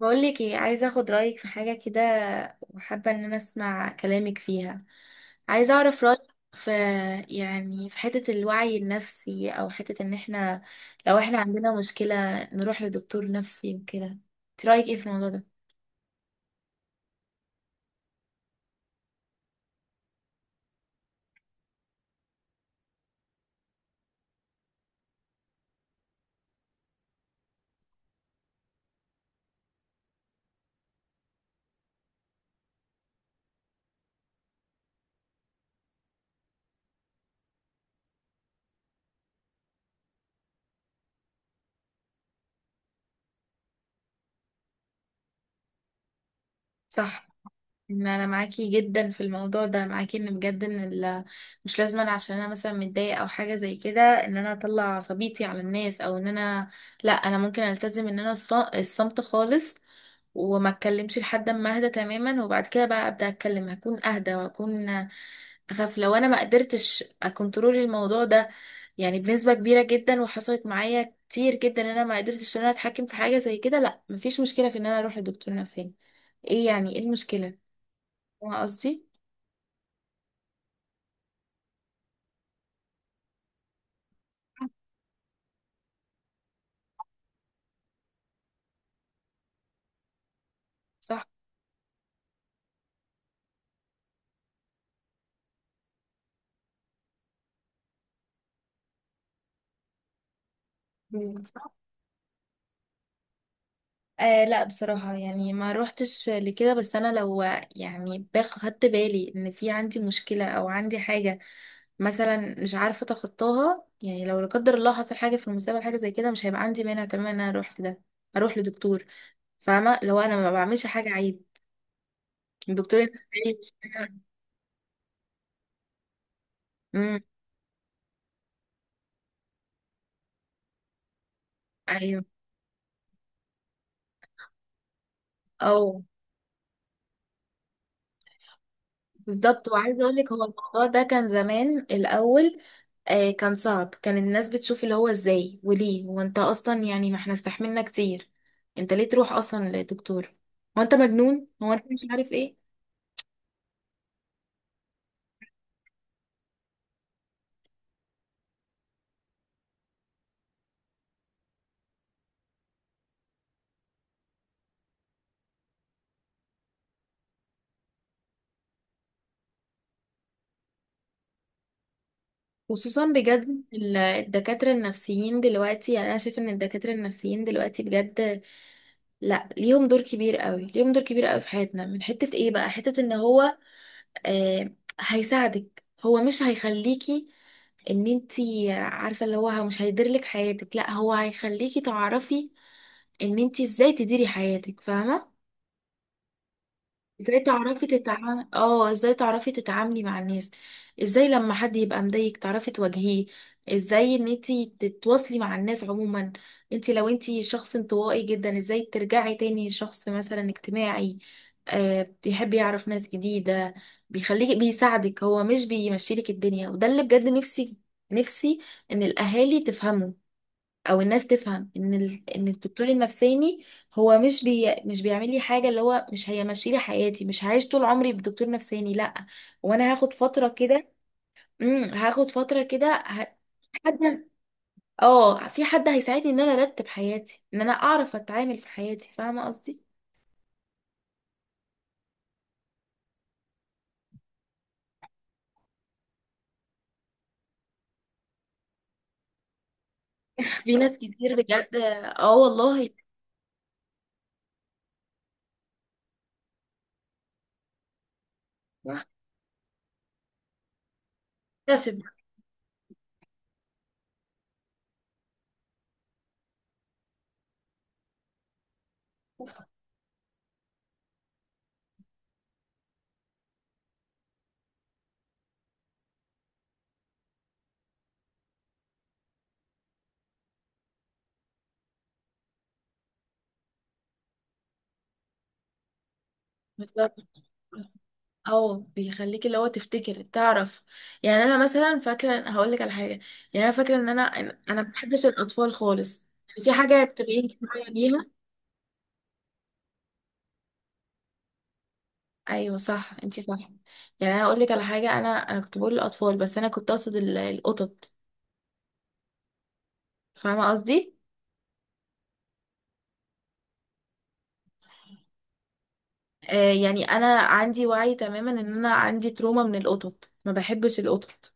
بقول لك ايه، عايزه اخد رايك في حاجه كده، وحابه ان انا اسمع كلامك فيها. عايزه اعرف رايك في، يعني في حته الوعي النفسي، او حته ان احنا لو احنا عندنا مشكله نروح لدكتور نفسي وكده. انت رايك ايه في الموضوع ده؟ صح. ان انا معاكي جدا في الموضوع ده، معاكي ان بجد مش لازم أنا عشان انا مثلا متضايقه او حاجه زي كده ان انا اطلع عصبيتي على الناس، او ان انا، لا انا ممكن التزم ان انا الصمت خالص، وما اتكلمش لحد ما اهدى تماما، وبعد كده بقى ابدا اتكلم، هكون اهدى وهكون. اخاف لو انا ما قدرتش اكنترول الموضوع ده يعني بنسبه كبيره جدا، وحصلت معايا كتير جدا ان انا ما قدرتش ان انا اتحكم في حاجه زي كده. لا مفيش مشكله في ان انا اروح لدكتور نفساني. ايه يعني ايه المشكله؟ فاهمة قصدي؟ صح. صح. آه لا بصراحة يعني ما روحتش لكده، بس أنا لو يعني خدت بالي إن في عندي مشكلة أو عندي حاجة مثلا مش عارفة أتخطاها، يعني لو لا قدر الله حصل حاجة في المستقبل حاجة زي كده، مش هيبقى عندي مانع تماما إن أنا أروح لده، أروح لدكتور. فاهمة؟ لو أنا ما بعملش حاجة عيب الدكتور يقول لي مش حاجة- أمم، أيوه. أو بالظبط. وعايزة أقولك هو الموضوع ده كان زمان الأول آه كان صعب، كان الناس بتشوف اللي هو ازاي وليه هو انت اصلا، يعني ما احنا استحملنا كتير، انت ليه تروح اصلا لدكتور؟ هو انت مجنون؟ هو انت مش عارف ايه؟ خصوصا بجد الدكاترة النفسيين دلوقتي، يعني انا شايف ان الدكاترة النفسيين دلوقتي بجد لا ليهم دور كبير قوي، ليهم دور كبير قوي في حياتنا، من حتة ايه بقى؟ حتة ان هو آه، هيساعدك، هو مش هيخليكي ان انتي عارفة اللي هو مش هيديرلك حياتك، لا هو هيخليكي تعرفي ان انتي ازاي تديري حياتك. فاهمة؟ ازاي تعرفي تتعاملي، اه ازاي تعرفي تتعاملي مع الناس، ازاي لما حد يبقى مضايقك تعرفي تواجهيه، ازاي ان انتي تتواصلي مع الناس عموما، انتي لو انتي شخص انطوائي جدا ازاي ترجعي تاني شخص مثلا اجتماعي آه بيحب يعرف ناس جديدة. بيخليك، بيساعدك، هو مش بيمشيلك الدنيا، وده اللي بجد نفسي ان الاهالي تفهمه، او الناس تفهم ان ان الدكتور النفساني هو مش بيعمل لي حاجه، اللي هو مش هيمشي لي حياتي، مش هعيش طول عمري بدكتور نفساني لا. وانا هاخد فتره كده، هاخد فتره كده حد، اه في حد هيساعدني ان انا ارتب حياتي، ان انا اعرف اتعامل في حياتي. فاهمه قصدي؟ في ناس كتير بجد. اه والله. صح. بتكتسب. بالظبط. اه بيخليك اللي هو تفتكر تعرف، يعني انا مثلا فاكره هقول لك على حاجه، يعني انا فاكره ان انا انا ما بحبش الاطفال خالص، يعني في حاجه بتبقي انت شويه بيها. ايوه صح انت صح. يعني انا هقول لك على حاجه، انا كنت بقول الاطفال بس انا كنت اقصد القطط. فاهمه قصدي؟ آه يعني انا عندي وعي تماما ان انا عندي تروما من القطط، ما بحبش القطط.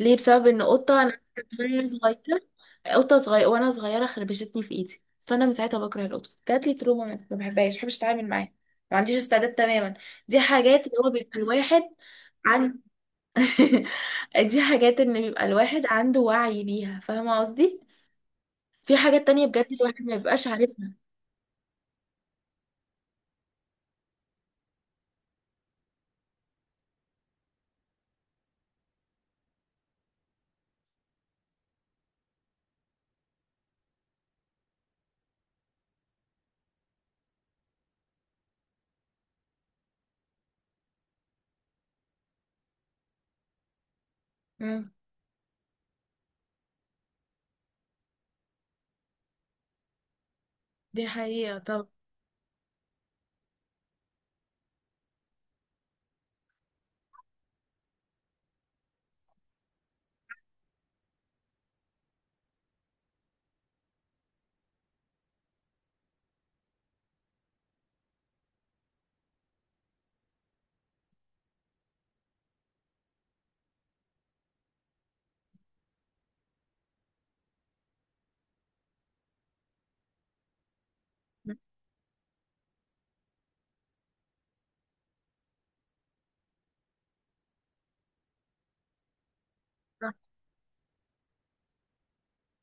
ليه؟ بسبب ان قطه انا وأنا صغيره، قطه صغيره وانا صغيره خربشتني في ايدي، فانا من ساعتها بكره القطط، جات لي تروما منها، ما بحبهاش، ما بحبش اتعامل معاها، ما عنديش استعداد تماما. دي حاجات اللي هو بيبقى الواحد عن، دي حاجات ان بيبقى الواحد عنده وعي بيها. فاهمه قصدي؟ في حاجات تانية بجد الواحد ما بيبقاش عارفها. امم دي حقيقه. طب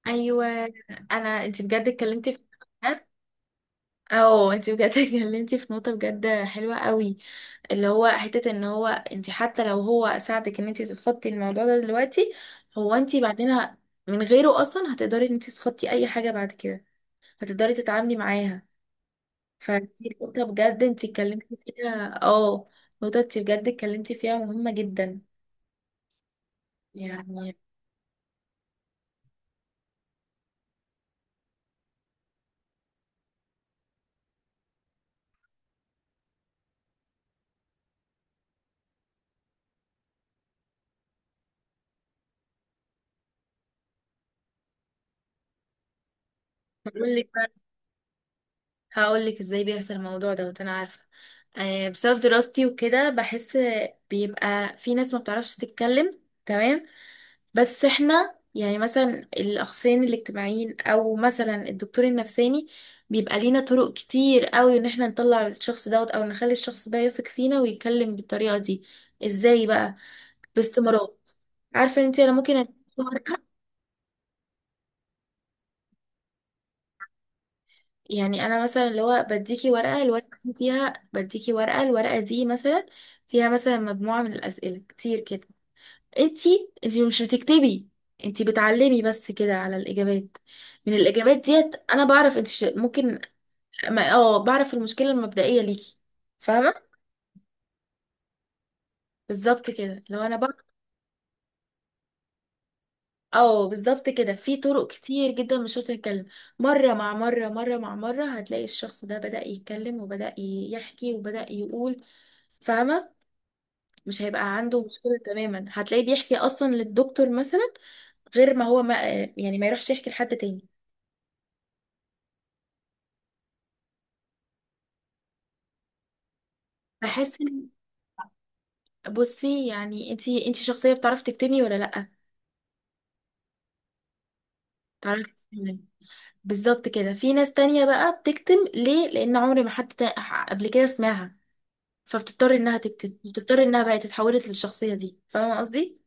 ايوه. انا انت بجد اتكلمتي في، اه انت بجد اتكلمتي في نقطه بجد حلوه قوي، اللي هو حتة ان هو انت حتى لو هو ساعدك ان انت تتخطي الموضوع ده دلوقتي، هو انت بعدين من غيره اصلا هتقدري ان انت تتخطي اي حاجة بعد كده، هتقدري تتعاملي معاها. فدي نقطة بجد انت اتكلمتي فيها اه، نقطة انت بجد اتكلمتي فيها مهمة جدا. يعني بقول لك، هقول لك ازاي بيحصل الموضوع دوت، انا عارفه آه بسبب دراستي وكده. بحس بيبقى في ناس ما بتعرفش تتكلم، تمام؟ بس احنا يعني مثلا الاخصائيين الاجتماعيين او مثلا الدكتور النفساني بيبقى لينا طرق كتير قوي ان احنا نطلع الشخص دوت، او نخلي الشخص ده يثق فينا ويتكلم بالطريقه دي. ازاي بقى؟ باستمرار. عارفه انت انا ممكن أديك شهر، يعني انا مثلا اللي هو بديكي ورقه الورقه دي فيها، بديكي ورقه الورقه دي مثلا فيها مثلا مجموعه من الاسئله كتير كده، انتي مش بتكتبي، انتي بتعلمي بس كده على الاجابات، من الاجابات ديت انا بعرف ممكن اه بعرف المشكله المبدئيه ليكي. فاهمه؟ بالظبط كده لو انا بعرف، اه بالظبط كده في طرق كتير جدا مش شرط نتكلم. مره مع مره، مره مع مره هتلاقي الشخص ده بدأ يتكلم وبدأ يحكي وبدأ يقول. فاهمه؟ مش هيبقى عنده مشكلة تماما، هتلاقيه بيحكي أصلا للدكتور مثلا، غير ما هو ما يعني ما يروحش يحكي لحد تاني. بحس إن، بصي يعني انتي شخصية بتعرفي تكتمي ولا لأ؟ تعرفي تكتمي. بالظبط كده. في ناس تانية بقى بتكتم ليه؟ لأن عمري ما حد قبل كده سمعها، فبتضطر إنها تكتم، بتضطر إنها بقى تتحولت للشخصية دي. فاهمة قصدي؟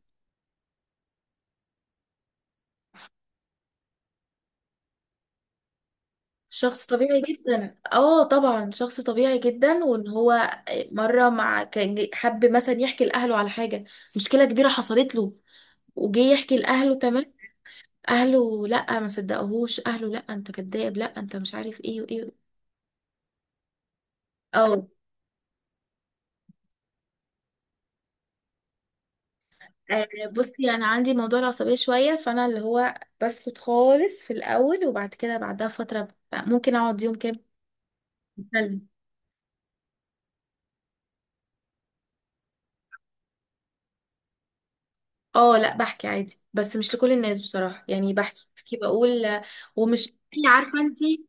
شخص طبيعي جدا، اه طبعا شخص طبيعي جدا، وان هو مره مع كان حب مثلا يحكي لاهله على حاجه، مشكله كبيره حصلت له وجي يحكي لاهله، تمام؟ اهله لا ما صدقوهوش، اهله لا انت كذاب، لا انت مش عارف ايه وايه. او، آه، آه، بصي انا عندي موضوع العصبيه شويه، فانا اللي هو بسكت خالص في الاول، وبعد كده بعدها فتره ممكن اقعد يوم كامل. اه لا بحكي عادي بس مش لكل الناس بصراحة، يعني بحكي، بحكي بقول، ومش بحكي، عارفة انتي؟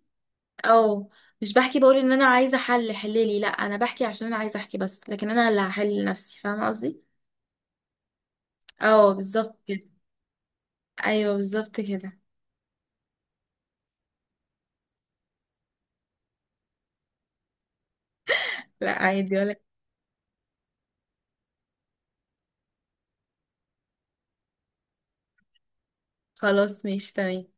اه مش بحكي بقول ان انا عايزة حل حللي، لا انا بحكي عشان انا عايزة احكي بس، لكن انا اللي هحل لنفسي. فاهمة قصدي؟ اه بالظبط كده. ايوه بالظبط كده. لا عادي ولا. خلاص ماشي تمام.